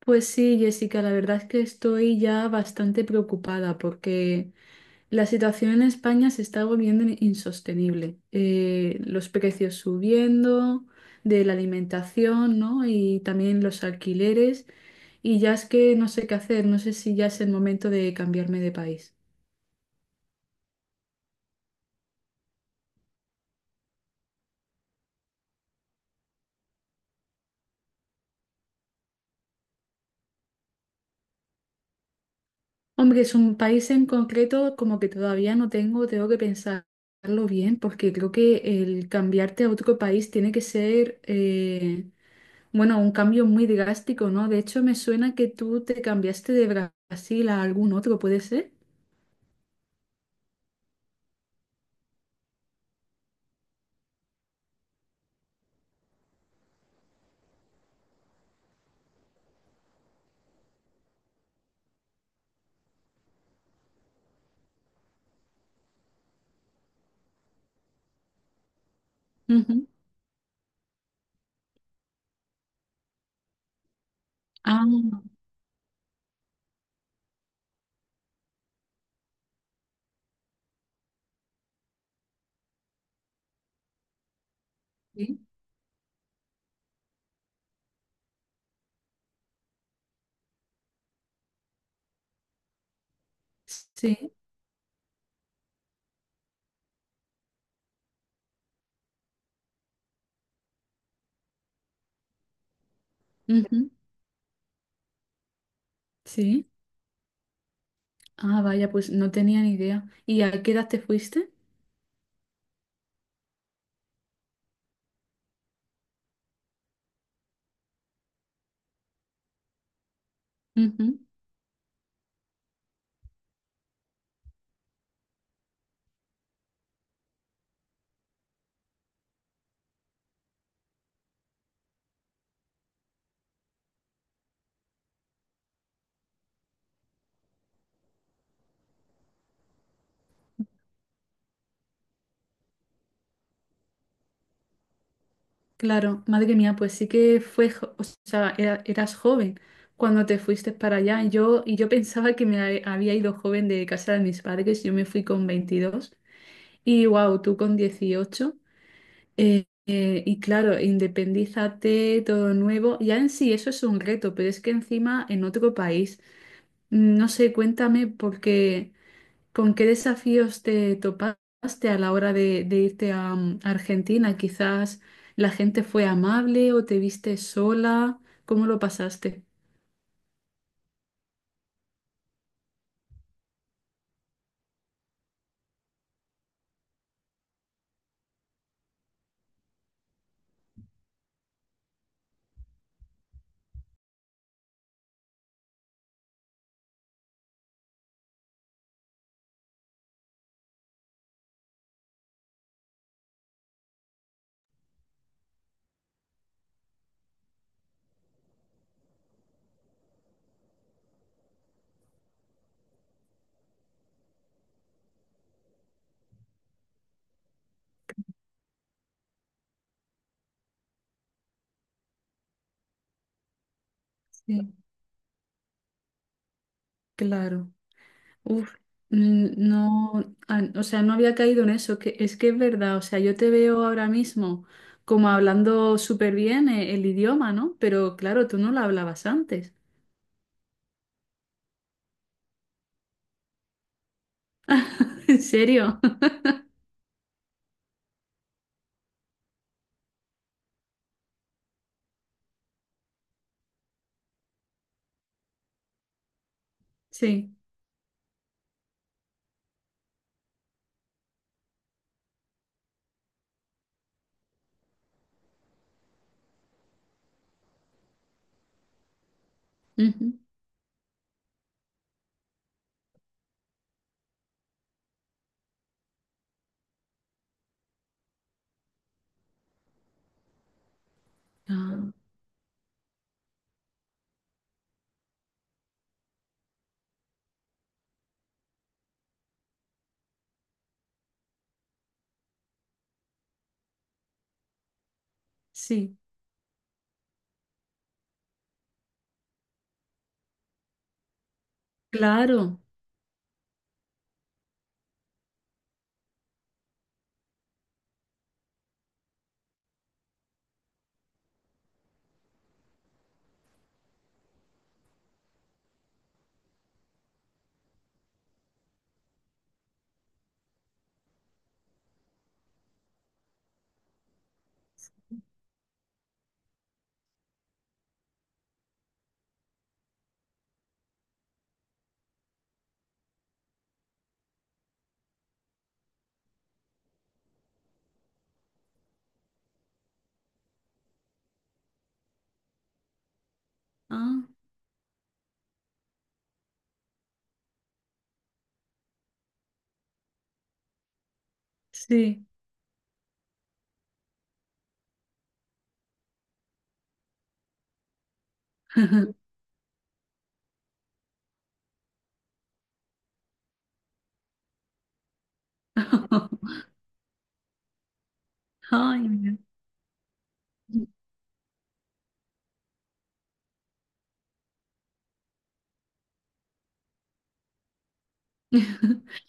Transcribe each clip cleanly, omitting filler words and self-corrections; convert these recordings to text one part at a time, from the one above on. Pues sí, Jessica, la verdad es que estoy ya bastante preocupada porque la situación en España se está volviendo insostenible. Los precios subiendo de la alimentación, ¿no? Y también los alquileres. Y ya es que no sé qué hacer, no sé si ya es el momento de cambiarme de país. Hombre, es un país en concreto como que todavía no tengo, tengo que pensarlo bien porque creo que el cambiarte a otro país tiene que ser, bueno, un cambio muy drástico, ¿no? De hecho, me suena que tú te cambiaste de Brasil a algún otro, ¿puede ser? Ujú. Ah, sí. Sí. Ujú. Sí. Ah, vaya, pues no tenía ni idea. ¿Y a qué edad te fuiste? Ujú. Claro, madre mía, pues sí que fue, o sea, eras joven cuando te fuiste para allá. Yo, y yo pensaba que me había ido joven de casa de mis padres, yo me fui con 22 y wow, tú con 18. Y claro, independízate, todo nuevo. Ya en sí eso es un reto, pero es que encima en otro país. No sé, cuéntame porque con qué desafíos te topaste a la hora de irte a, mm, a Argentina. Quizás la gente fue amable o te viste sola. ¿Cómo lo pasaste? Sí, claro. Uf, no, o sea, no había caído en eso, que es verdad, o sea, yo te veo ahora mismo como hablando súper bien el idioma, ¿no? Pero claro, tú no lo hablabas antes. ¿En serio? Sí. Ujú. Ah, sí, claro. Ah, sí. Ay, mira.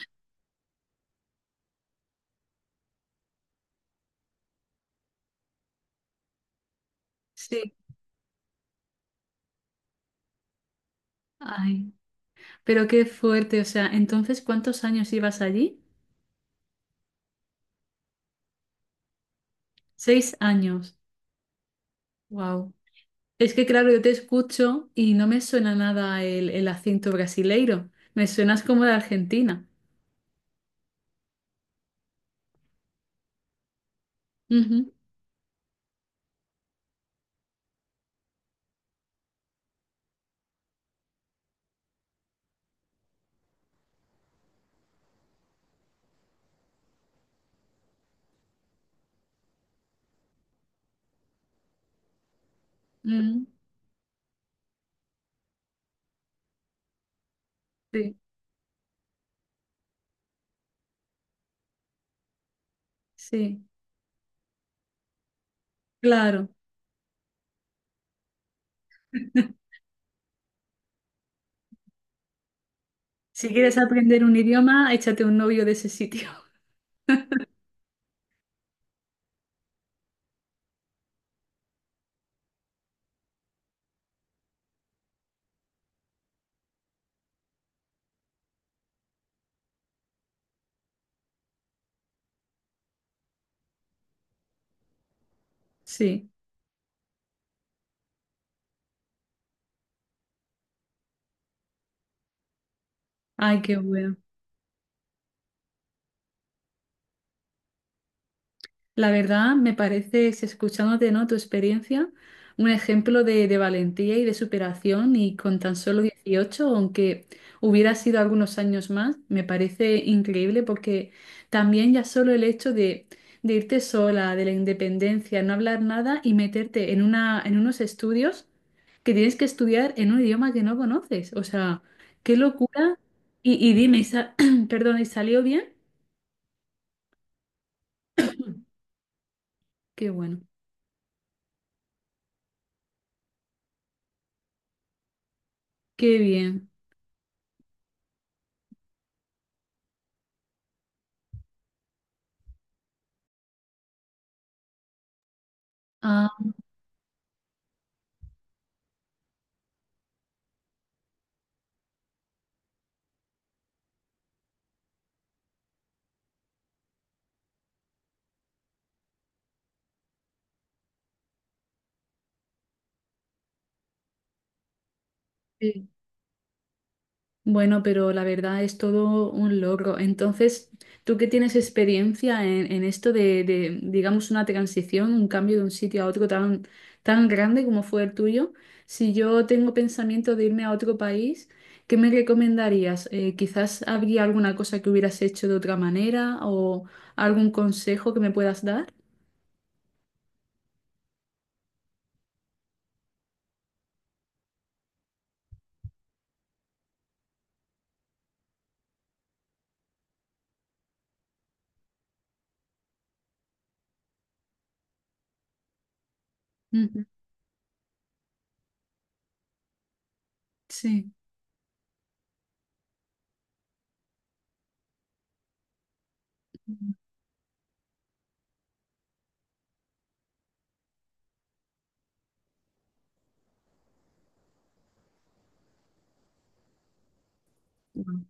Sí. Ay, pero qué fuerte, o sea, entonces, ¿cuántos años ibas allí? 6 años. Wow. Es que claro, yo te escucho y no me suena nada el, el acento brasileiro. Me suenas como de Argentina. Ujú, ujú. Sí, sí, claro. Si quieres aprender un idioma, échate un novio de ese sitio. Sí. Ay, qué bueno. La verdad, me parece si escuchándote, ¿no? Tu experiencia, un ejemplo de valentía y de superación y con tan solo 18, aunque hubiera sido algunos años más, me parece increíble porque también ya solo el hecho de irte sola, de la independencia, no hablar nada y meterte en una, en unos estudios que tienes que estudiar en un idioma que no conoces. O sea, qué locura. Y dime, y perdón, ¿y salió bien? Qué bueno, qué bien. Ah, ok. Bueno, pero la verdad es todo un logro. Entonces, tú que tienes experiencia en esto de, digamos, una transición, un cambio de un sitio a otro tan, tan grande como fue el tuyo, si yo tengo pensamiento de irme a otro país, ¿qué me recomendarías? Quizás habría alguna cosa que hubieras hecho de otra manera o algún consejo que me puedas dar. Ujú. Sí. Ujú.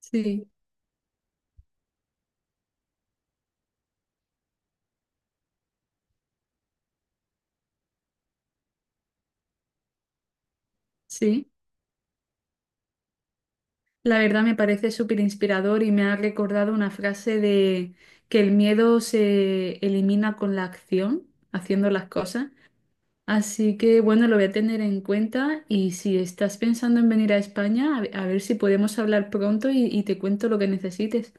Sí, sí. La verdad me parece súper inspirador y me ha recordado una frase de que el miedo se elimina con la acción, haciendo las cosas. Así que bueno, lo voy a tener en cuenta y si estás pensando en venir a España, a ver si podemos hablar pronto y te cuento lo que necesites.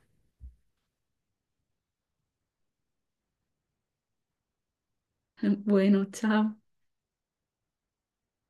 Bueno, chao.